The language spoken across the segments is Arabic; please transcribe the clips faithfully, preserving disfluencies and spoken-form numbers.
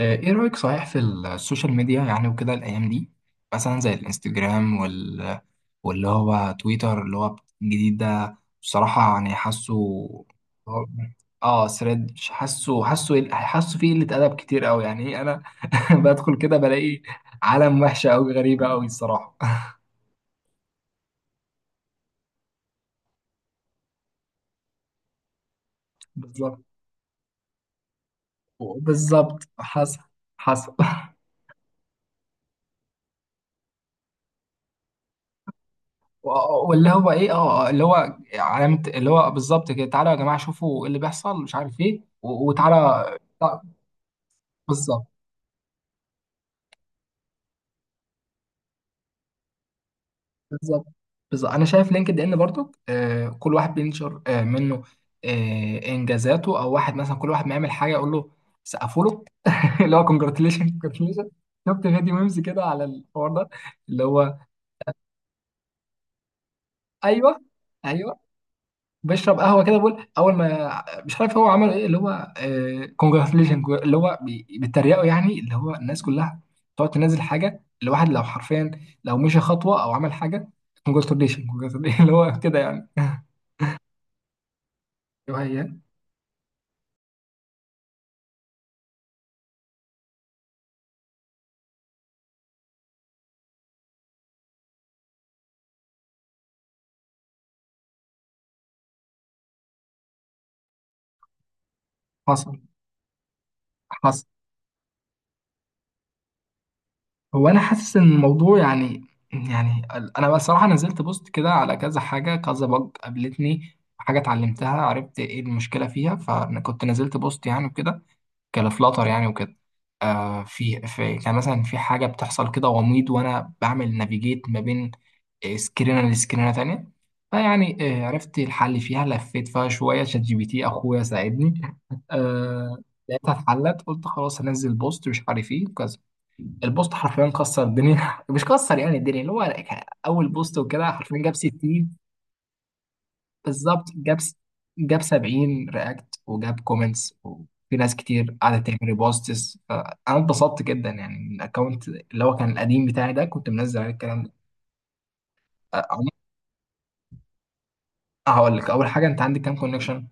آه، ايه رأيك صحيح في السوشيال ميديا، يعني وكده الايام دي، مثلا زي الانستجرام وال... واللي هو تويتر اللي هو الجديد ده بصراحة، يعني حاسه اه آه، ثريد. حاسه حاسه حاسه فيه قلة ادب كتير قوي، يعني إيه، انا بدخل كده بلاقي عالم وحشة قوي، غريبة قوي الصراحة. بالظبط. بالظبط حصل. حصل. و- واللي هو ايه اه آه، اللي هو علامة، اللي هو بالظبط كده، تعالوا يا جماعة شوفوا ايه اللي بيحصل مش عارف ايه، و- وتعالى. بالظبط. بالظبط. بالظبط انا شايف لينكد ان برضو، آه كل واحد بينشر آه منه آه انجازاته، او واحد مثلا كل واحد ما يعمل حاجه يقول له سقفوا له. اللي هو كونجراتيليشن كونجراتيليشن. شفت فيديو ميمز كده على الحوار ده، اللي هو ايوه. ايوه بيشرب قهوه كده بيقول اول ما مش عارف هو عمل ايه، اللي هو كونجراتيليشن، اللي هو بي- بيتريقوا يعني، اللي هو الناس كلها تقعد تنزل حاجه، الواحد لو حرفيا لو مشي خطوه او عمل حاجه كونجراتيليشن كونجراتيليشن. اللي هو كده يعني. وهي. حصل. حصل. هو انا حاسس ان الموضوع يعني، يعني ال- انا بصراحه نزلت بوست كده على كذا حاجه، كذا بج قابلتني حاجه اتعلمتها عرفت ايه المشكله فيها، فانا كنت نزلت بوست يعني وكده كفلاتر يعني وكده. آه في, في كان مثلا في حاجة بتحصل كده غميض، وأنا بعمل نافيجيت ما بين سكرينة لسكرينة تانية. فيعني آه عرفت الحل فيها، لفيت فيها شوية شات جي بي تي، أخويا ساعدني. آه لقيتها اتحلت، قلت خلاص هنزل بوست مش عارف ايه كذا. البوست حرفيا كسر الدنيا، مش كسر يعني الدنيا، اللي هو اول بوست وكده حرفيا جاب ستين. بالظبط جاب س- جاب سبعين رياكت وجاب كومنتس، وفي ناس كتير قعدت تعمل ريبوستس، فانا اتبسطت جدا يعني من الاكونت اللي هو كان القديم بتاعي ده، كنت منزل عليه الكلام ده. أ- أ- هقول لك اول حاجه، انت عندك كام كونكشن؟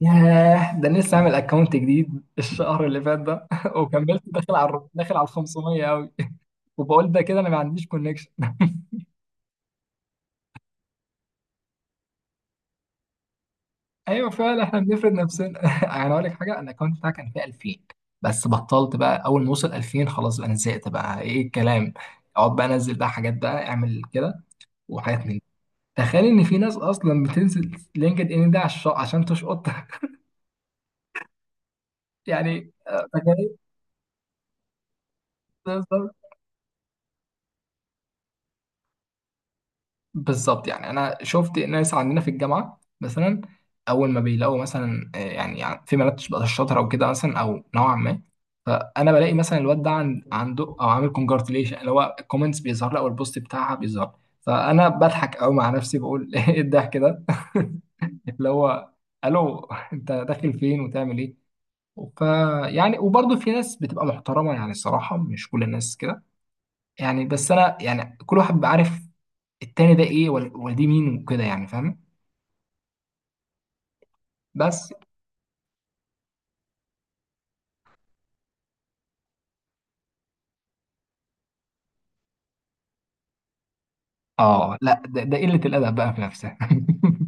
ياه، ده أنا لسه عامل اكونت جديد الشهر اللي فات ده، وكملت داخل على الر- داخل على ال خمسمية قوي. وبقول ده كده انا ما عنديش كونكشن. ايوه فعلا احنا بنفرض نفسنا. يعني اقول لك حاجه، انا الاكونت بتاعي كان فيه ألفين، بس بطلت بقى اول ما وصل ألفين خلاص، بقى انا زهقت بقى ايه الكلام، اقعد بقى انزل بقى حاجات بقى اعمل كده وحاجات من دي. تخيل ان في ناس اصلا بتنزل لينكد ان ده عش- عشان تشقط. يعني آه، تخيل. بالظبط يعني انا شفت ناس عندنا في الجامعه مثلا، اول ما بيلاقوا مثلا آه، يعني، يعني في بنات بقى شاطره او كده مثلا او نوعا ما، فانا بلاقي مثلا الواد ده عن- عنده او عامل كونجراتيليشن، اللي هو الكومنتس بيظهر لي او البوست بتاعها بيظهر، فانا بضحك قوي مع نفسي بقول ايه الضحك ده. اللي هو الو، انت داخل فين وتعمل ايه؟ ف، يعني وبرضه في ناس بتبقى محترمه، يعني الصراحه مش كل الناس كده، يعني بس انا يعني كل واحد بيبقى عارف التاني ده ايه، ولا ولا دي مين وكده يعني فاهم. بس اه لا ده, ده قله الادب بقى في نفسها.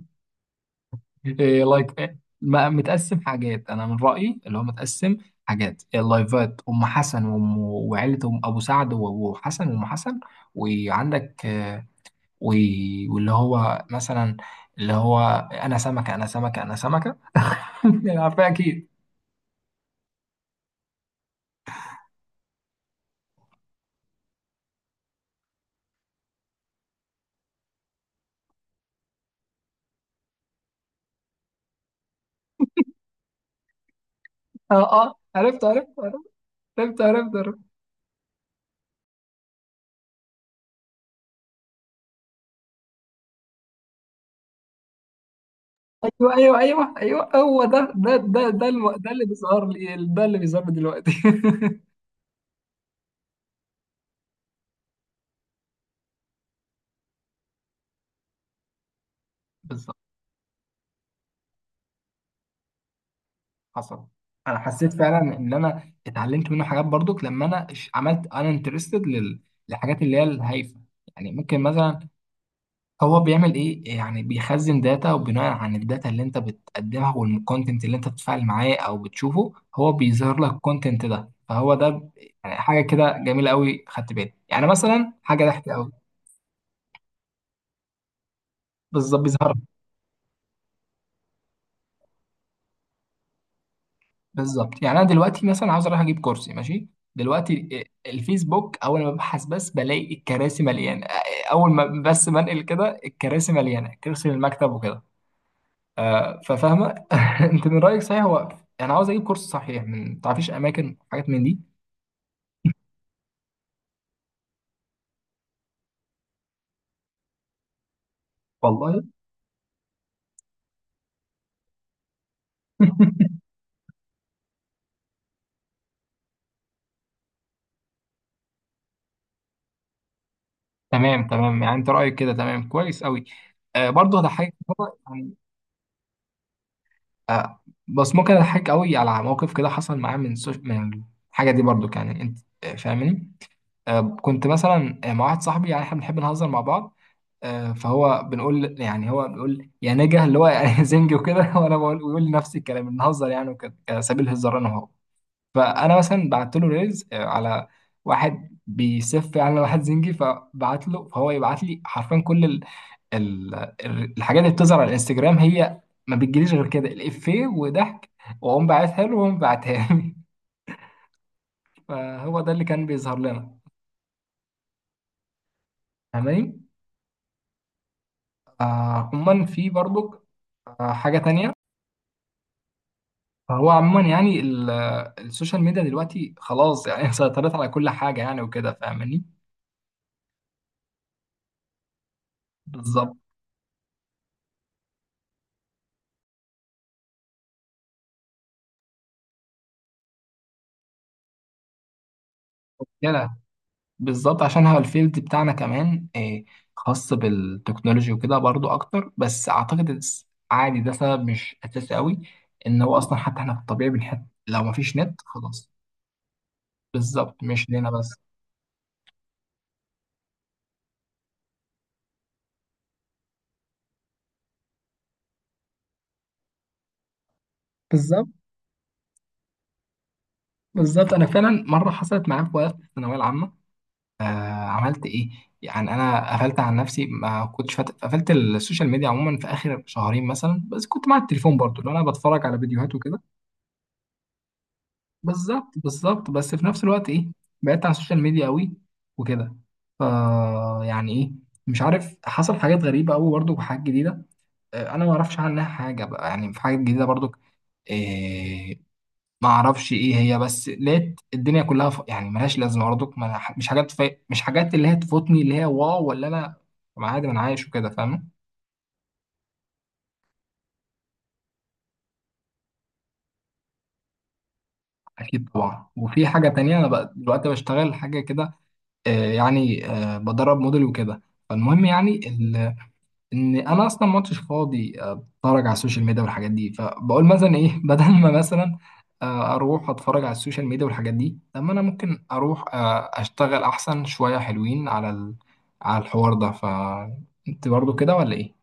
إيه لايك ما متقسم حاجات، انا من رايي اللي هو متقسم حاجات، اللايفات ام حسن وام وعيله ام ابو سعد و- وحسن وام حسن، وعندك آه، و- واللي هو مثلا، اللي هو انا سمكه، انا سمكه، انا سمكه. عارفها اكيد. اه. اه عرفت عرفت عرفت. عرفت عرفت. ايوه ايوه ايوه ايوه، هو ده ده ده ده الو... ده اللي بيظهر لي، ده اللي بيظهر لي دلوقتي. بالظبط. حصل. انا حسيت فعلا ان انا اتعلمت منه حاجات برضك، لما انا ش- عملت، انا انترستد لل... للحاجات اللي هي الهايفه. يعني ممكن مثلا، هو بيعمل ايه يعني، بيخزن داتا وبناء عن الداتا اللي انت بتقدمها والكونتنت اللي انت بتتفاعل معاه او بتشوفه، هو بيظهر لك الكونتنت ده، فهو ده ب- يعني حاجه كده جميله قوي، خدت بالي يعني مثلا حاجه ضحكه قوي. بالظبط بيظهر. بالظبط يعني انا دلوقتي مثلا عاوز اروح اجيب كرسي، ماشي. دلوقتي إيه، الفيسبوك اول ما ببحث بس بلاقي الكراسي مليانه، اول ما بس بنقل كده الكراسي مليانه كرسي للمكتب وكده. آه ففاهمه. انت من رايك صحيح، هو انا عاوز اجيب كرسي صحيح، من تعرفيش اماكن حاجات من دي؟ والله. تمام تمام، يعني انت رايك كده تمام كويس قوي. آه برضه هضحكك مرة، يعني آه بس ممكن اضحك قوي على موقف كده حصل معايا من سوش... من الحاجه دي برضه، يعني انت آه، فاهمني. آه، كنت مثلا آه، مع واحد صاحبي، يعني احنا بنحب نهزر مع بعض، آه، فهو بنقول يعني هو بيقول يا نجا، اللي هو يعني زنجي وكده، وانا بقول ويقول لي نفس الكلام بنهزر يعني وكده كسبيل هزار انا وهو، فانا مثلا بعت له ريلز آه، على واحد بيسف يعني على واحد زنجي، فبعت له فهو يبعت لي حرفيا كل ال ال ال- الحاجات اللي بتظهر على الانستجرام، هي ما بتجيليش غير كده الافيه وضحك، واقوم باعتها له وهو باعتها لي. فهو ده اللي كان بيظهر لنا فاهماني. آه، عموما في برضك آه، حاجة تانية. فهو عموما يعني ال- آه، السوشيال ميديا دلوقتي خلاص، يعني سيطرت على كل حاجة يعني، وكده فاهماني. بالظبط كده. بالظبط عشان هو الفيلد بتاعنا كمان آه، خاص بالتكنولوجي وكده برضو أكتر، بس أعتقد الس- عادي ده سبب مش أساسي قوي، إن هو أصلا حتى إحنا في الطبيعي بنحب لو مفيش نت خلاص. بالظبط مش لنا بس. بالظبط. بالظبط أنا فعلا مرة حصلت معايا في وقت الثانوية العامة. آه عملت ايه؟ يعني انا قفلت عن نفسي ما كنتش فات... قفلت السوشيال ميديا عموما في اخر شهرين مثلا، بس كنت مع التليفون برضو، اللي انا بتفرج على فيديوهات وكده. بالظبط. بالظبط بس في نفس الوقت ايه، بعدت عن السوشيال ميديا قوي وكده. ف، يعني ايه، مش عارف حصل حاجات غريبه قوي برضو وحاجات جديده. آه انا ما اعرفش عنها حاجه بقى، يعني في حاجات جديده برضو ما اعرفش ايه هي، بس لقيت الدنيا كلها ف... يعني ملهاش لازمه برضك، ما... مش حاجات ف... مش حاجات اللي هي تفوتني اللي هي واو، ولا انا طب عادي ما انا عايش وكده فاهم. اكيد طبعا، وفي حاجه تانية انا بقى دلوقتي بشتغل حاجه كده، آه يعني آه بدرب موديل وكده. فالمهم يعني ان انا اصلا ما كنتش فاضي آه، اتفرج على السوشيال ميديا والحاجات دي، فبقول مثلا ايه بدل ما مثلا آه، اروح اتفرج على السوشيال ميديا والحاجات دي، طب ما انا ممكن اروح آه، اشتغل احسن شوية حلوين على ال... على الحوار ده، فانت برضو كده ولا ايه؟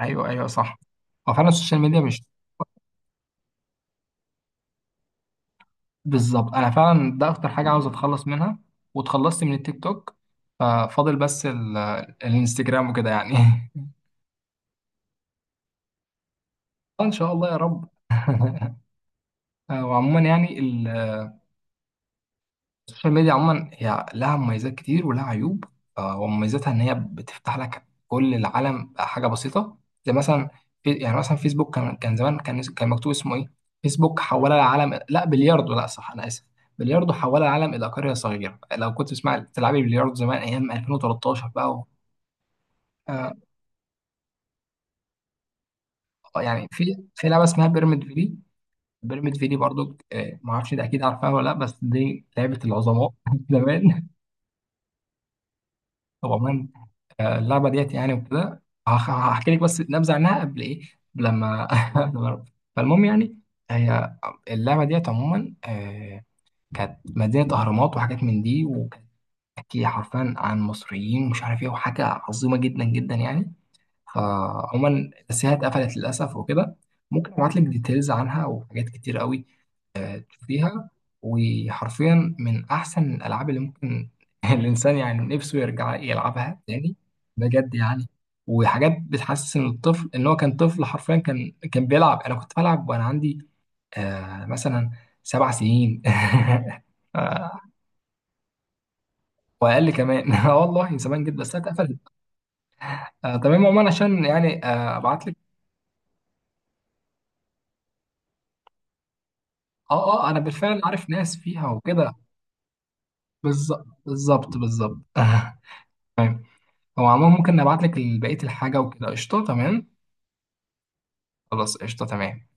ايوه ايوه صح. هو فعلا السوشيال ميديا مش. بالظبط انا فعلا ده اكتر حاجة عاوز اتخلص منها، واتخلصت من التيك توك، ففاضل بس ال... الانستجرام وكده يعني. ان شاء الله يا رب. وعموما يعني السوشيال ميديا عموما هي لها مميزات كتير ولها عيوب، آه، ومميزاتها ان هي بتفتح لك كل العالم حاجه بسيطه، زي مثلا في يعني مثلا فيسبوك كان كان زمان كان كان مكتوب اسمه ايه، فيسبوك حول العالم، لا بلياردو لا صح، انا اسف، بلياردو حول العالم الى قريه صغيره، لو كنت تسمع تلعبي بلياردو زمان ايام ألفين وتلتاشر بقى و... آه يعني في في لعبه اسمها بيراميد فيلي، بيراميد فيلي برضو آه ما اعرفش ده اكيد عارفها ولا لا، بس دي لعبه العظماء. زمان. طبعا اللعبه ديت يعني وكده، هخ- هحكي لك بس نبذه عنها، قبل ايه، قبل لما لما- فالمهم يعني، هي اللعبه ديت عموما آه، كانت مدينه اهرامات وحاجات من دي، وكانت بتحكي حرفيا عن مصريين ومش عارف ايه، وحاجه عظيمه جدا جدا يعني. فعموما بس هي اتقفلت للاسف وكده، ممكن ابعت لك ديتيلز عنها وحاجات كتير قوي فيها، وحرفيا من احسن الالعاب اللي ممكن الانسان يعني نفسه يرجع يلعبها تاني، بجد يعني. وحاجات بتحسن الطفل، ان هو كان طفل حرفيا، كان كان بيلعب، انا كنت بلعب وانا عندي آه مثلا سبع سنين. آه، واقل كمان. اه والله زمان جدا، بس هي اتقفلت. آه تمام عموما، عشان يعني آه ابعت لك. اه. اه انا بالفعل عارف ناس فيها وكده. بالظبط بالظبط بالظبط. هو عموما ممكن نبعت لك بقية الحاجة وكده، قشطة تمام. خلاص قشطة تمام.